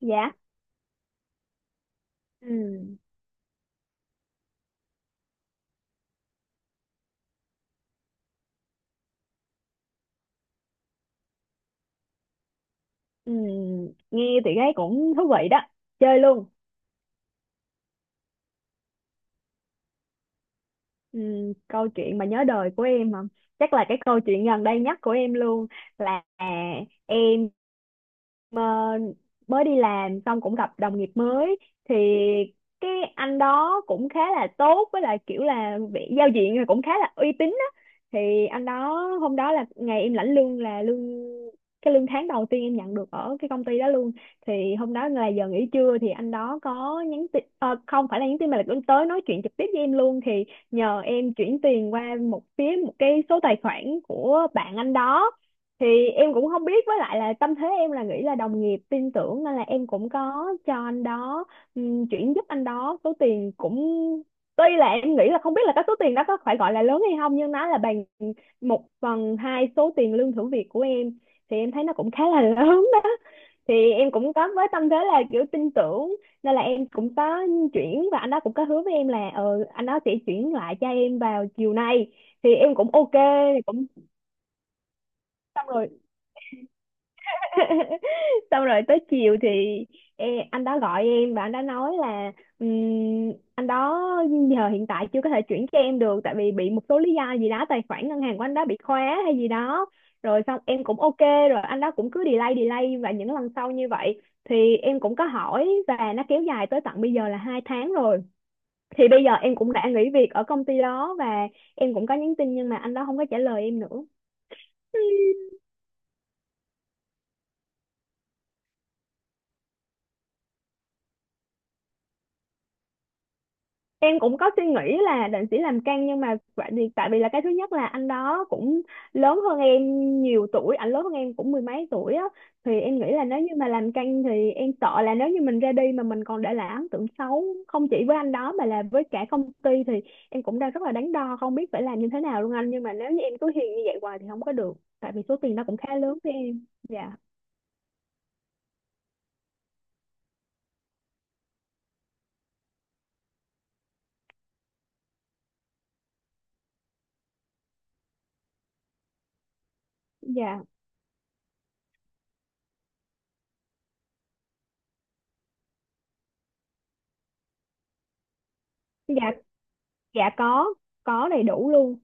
Dạ. Ừ. Ừ. Nghe thì thấy cũng thú vị đó, chơi luôn. Ừ, câu chuyện mà nhớ đời của em mà chắc là cái câu chuyện gần đây nhất của em luôn là em, ờ, mới đi làm xong cũng gặp đồng nghiệp mới. Thì cái anh đó cũng khá là tốt, với lại kiểu là vị giao diện là cũng khá là uy tín á. Thì anh đó, hôm đó là ngày em lãnh lương, là lương cái lương tháng đầu tiên em nhận được ở cái công ty đó luôn. Thì hôm đó là giờ nghỉ trưa, thì anh đó có nhắn tin, không phải là nhắn tin mà là cũng tới nói chuyện trực tiếp với em luôn. Thì nhờ em chuyển tiền qua một phía, một cái số tài khoản của bạn anh đó. Thì em cũng không biết, với lại là tâm thế em là nghĩ là đồng nghiệp tin tưởng nên là em cũng có cho anh đó, chuyển giúp anh đó số tiền cũng tuy là em nghĩ là không biết là cái số tiền đó có phải gọi là lớn hay không, nhưng nó là bằng một phần hai số tiền lương thử việc của em. Thì em thấy nó cũng khá là lớn đó. Thì em cũng có với tâm thế là kiểu tin tưởng, nên là em cũng có chuyển, và anh đó cũng có hứa với em là anh đó sẽ chuyển lại cho em vào chiều nay. Thì em cũng ok, cũng xong rồi. Xong rồi tới chiều thì e, anh đó gọi em và anh đó nói là, anh đó giờ hiện tại chưa có thể chuyển cho em được tại vì bị một số lý do gì đó, tài khoản ngân hàng của anh đó bị khóa hay gì đó. Rồi xong em cũng ok. Rồi anh đó cũng cứ delay delay và những lần sau như vậy, thì em cũng có hỏi và nó kéo dài tới tận bây giờ là 2 tháng rồi. Thì bây giờ em cũng đã nghỉ việc ở công ty đó, và em cũng có nhắn tin nhưng mà anh đó không có trả lời em nữa. Em cũng có suy nghĩ là định sẽ làm căng, nhưng mà tại vì là cái thứ nhất là anh đó cũng lớn hơn em nhiều tuổi, anh lớn hơn em cũng mười mấy tuổi á. Thì em nghĩ là nếu như mà làm căng thì em sợ là nếu như mình ra đi mà mình còn để lại ấn tượng xấu, không chỉ với anh đó mà là với cả công ty. Thì em cũng đang rất là đắn đo, không biết phải làm như thế nào luôn anh, nhưng mà nếu như em cứ hiền như vậy hoài thì không có được, tại vì số tiền đó cũng khá lớn với em. Dạ. Dạ. Dạ. Dạ Có đầy đủ luôn.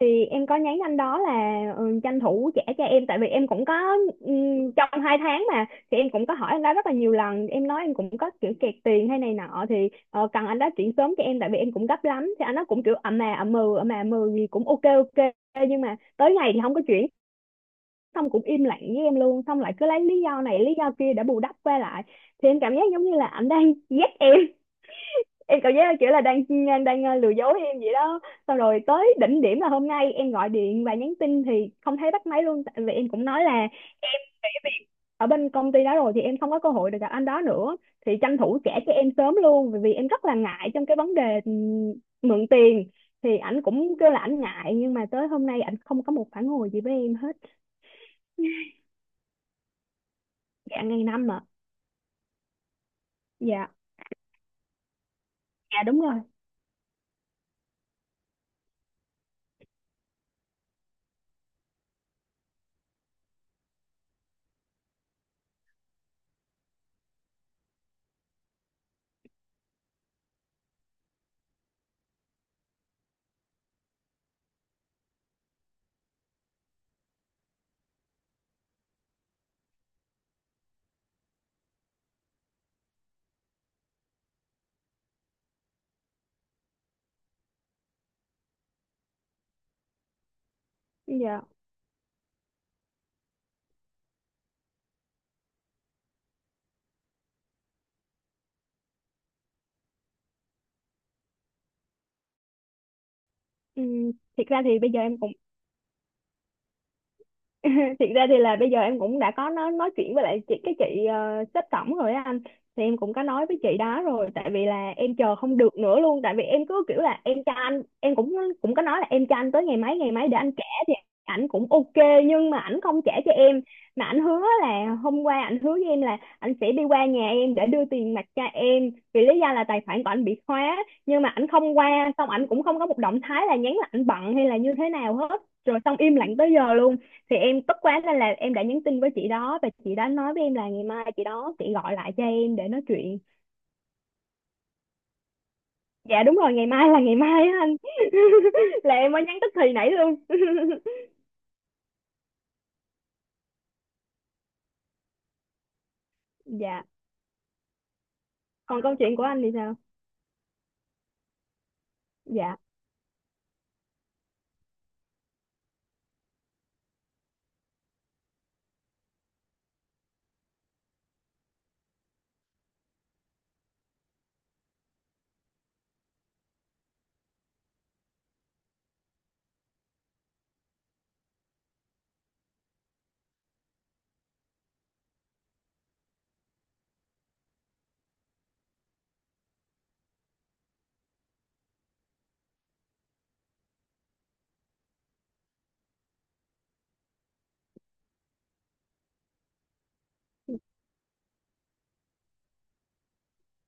Thì em có nhắn anh đó là, tranh thủ trả cho em tại vì em cũng có, trong 2 tháng mà. Thì em cũng có hỏi anh đó rất là nhiều lần, em nói em cũng có kiểu kẹt tiền hay này nọ thì cần anh đó chuyển sớm cho em tại vì em cũng gấp lắm. Thì anh đó cũng kiểu ậm mà ậm mừ ậm mà ậm mừ gì cũng ok ok, nhưng mà tới ngày thì không có chuyển, xong cũng im lặng với em luôn, xong lại cứ lấy lý do này lý do kia để bù đắp qua lại. Thì em cảm giác giống như là anh đang ghét em cảm giác là kiểu là đang đang lừa dối em vậy đó. Xong rồi tới đỉnh điểm là hôm nay em gọi điện và nhắn tin thì không thấy bắt máy luôn, tại vì em cũng nói là em nghỉ việc ở bên công ty đó rồi, thì em không có cơ hội được gặp anh đó nữa, thì tranh thủ trả cho em sớm luôn, bởi vì em rất là ngại trong cái vấn đề, mượn tiền. Thì ảnh cũng kêu là ảnh ngại nhưng mà tới hôm nay ảnh không có một phản hồi gì với em hết. Dạ ngày 5 mà. Dạ. Dạ đúng rồi. Dạ. Ừ. Thiệt ra thì bây giờ em cũng thiệt ra thì là bây giờ em cũng đã có nói chuyện với lại chị cái chị, sếp tổng rồi á anh. Thì em cũng có nói với chị đó rồi, tại vì là em chờ không được nữa luôn, tại vì em cứ kiểu là em cho anh em cũng cũng có nói là em cho anh tới ngày mấy để anh trả. Thì ảnh cũng ok, nhưng mà ảnh không trả cho em, mà ảnh hứa là hôm qua ảnh hứa với em là ảnh sẽ đi qua nhà em để đưa tiền mặt cho em vì lý do là tài khoản của ảnh bị khóa. Nhưng mà ảnh không qua, xong ảnh cũng không có một động thái là nhắn là ảnh bận hay là như thế nào hết, rồi xong im lặng tới giờ luôn. Thì em tức quá nên là em đã nhắn tin với chị đó, và chị đó nói với em là ngày mai chị đó sẽ gọi lại cho em để nói chuyện. Dạ đúng rồi, ngày mai là ngày mai á anh, là em mới nhắn tức thì nãy luôn. Dạ, còn câu chuyện của anh thì sao? Dạ.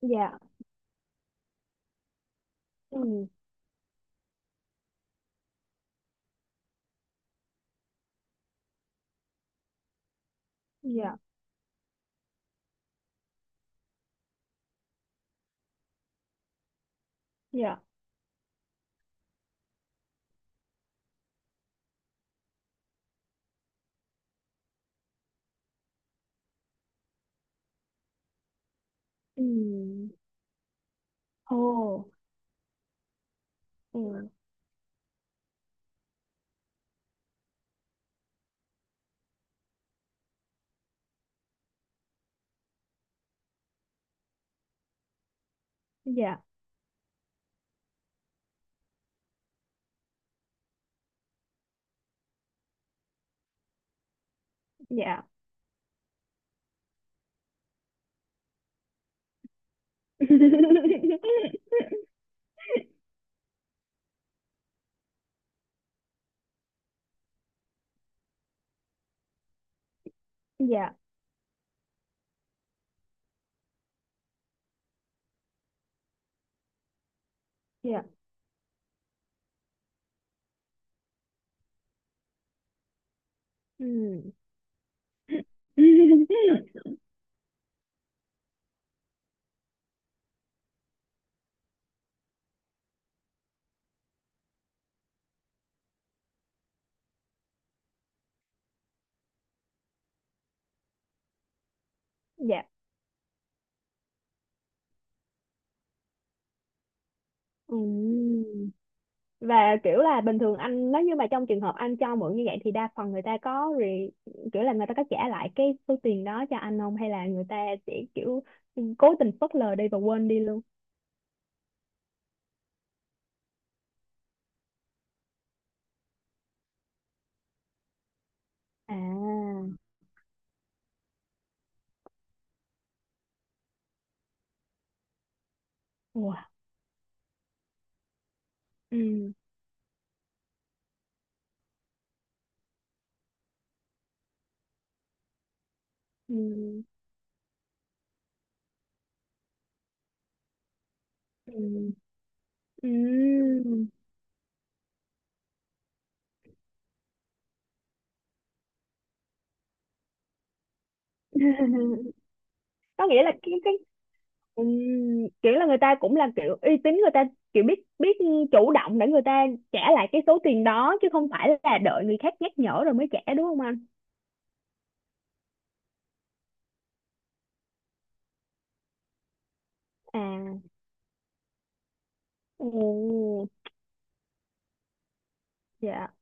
Dạ. Ừ. Dạ. Dạ. Ừ. Ồ. Ừ. Dạ. Dạ. Dạ. Dạ. Ừ. Dạ. Ừ, và kiểu là bình thường anh nếu như mà trong trường hợp anh cho mượn như vậy, thì đa phần người ta có kiểu là người ta có trả lại cái số tiền đó cho anh không, hay là người ta sẽ kiểu cố tình phớt lờ đi và quên đi luôn? À. Wow. Ừ. Ừ. Ừ. Ừ. Có nghĩa là cái ừ. Kiểu là người ta cũng là kiểu uy tín, người ta kiểu biết biết chủ động để người ta trả lại cái số tiền đó, chứ không phải là đợi người khác nhắc nhở rồi mới trả, đúng không anh? À. Ừ. Dạ.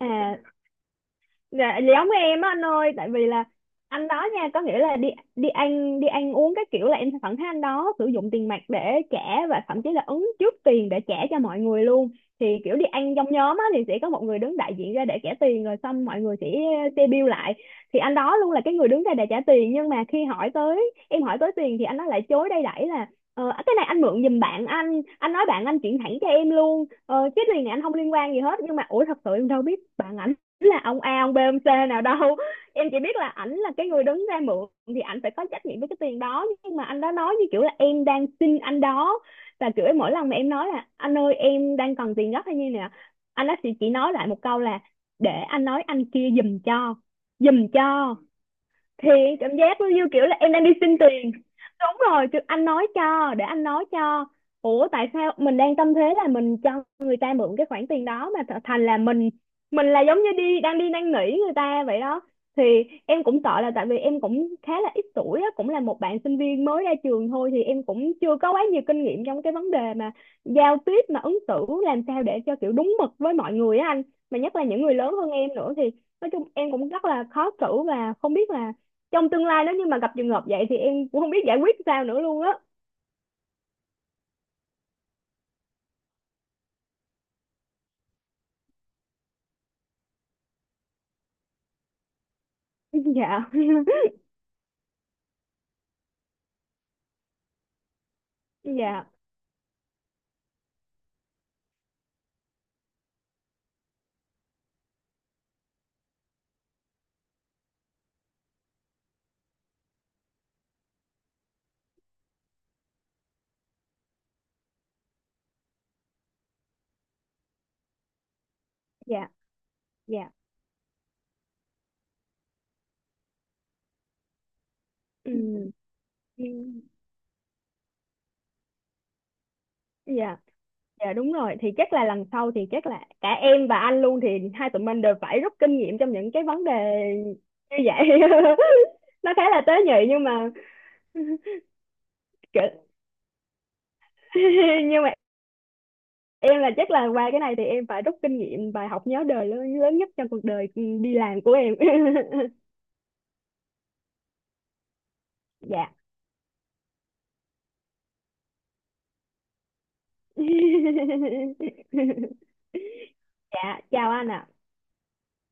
À. Dạ. Dạ giống với em á anh ơi, tại vì là anh đó nha, có nghĩa là đi đi ăn uống các kiểu, là em sẽ thẳng thấy anh đó sử dụng tiền mặt để trả, và thậm chí là ứng trước tiền để trả cho mọi người luôn. Thì kiểu đi ăn trong nhóm á, thì sẽ có một người đứng đại diện ra để trả tiền, rồi xong mọi người sẽ xe bill lại. Thì anh đó luôn là cái người đứng ra để trả tiền, nhưng mà khi hỏi tới, em hỏi tới tiền thì anh đó lại chối đây đẩy là cái này anh mượn giùm bạn anh nói bạn anh chuyển thẳng cho em luôn, cái tiền này anh không liên quan gì hết, nhưng mà ủa thật sự em đâu biết bạn anh là ông A ông B ông C nào đâu. Em chỉ biết là ảnh là cái người đứng ra mượn thì ảnh phải có trách nhiệm với cái tiền đó, nhưng mà anh đó nói như kiểu là em đang xin anh đó. Và kiểu mỗi lần mà em nói là anh ơi em đang cần tiền gấp hay như nè, anh đó chỉ nói lại một câu là để anh nói anh kia giùm cho, giùm cho. Thì cảm giác nó như kiểu là em đang đi xin tiền, đúng rồi chứ, anh nói cho để anh nói cho. Ủa tại sao mình đang tâm thế là mình cho người ta mượn cái khoản tiền đó, mà thành là mình là giống như đi đang đi năn nỉ người ta vậy đó. Thì em cũng sợ là tại vì em cũng khá là ít tuổi á, cũng là một bạn sinh viên mới ra trường thôi, thì em cũng chưa có quá nhiều kinh nghiệm trong cái vấn đề mà giao tiếp mà ứng xử làm sao để cho kiểu đúng mực với mọi người á anh. Mà nhất là những người lớn hơn em nữa, thì nói chung em cũng rất là khó xử và không biết là trong tương lai nếu như mà gặp trường hợp vậy, thì em cũng không biết giải quyết sao nữa luôn á. Dạ. Dạ. Dạ. Dạ. Ừ. Ừ, dạ. Dạ đúng rồi, thì chắc là lần sau thì chắc là cả em và anh luôn, thì hai tụi mình đều phải rút kinh nghiệm trong những cái vấn đề như vậy. Nó khá là tế nhị nhưng mà kiểu- nhưng mà em là chắc là qua cái này thì em phải rút kinh nghiệm bài học nhớ đời lớn, lớn nhất trong cuộc đời đi làm của em. Dạ. Dạ chào anh ạ.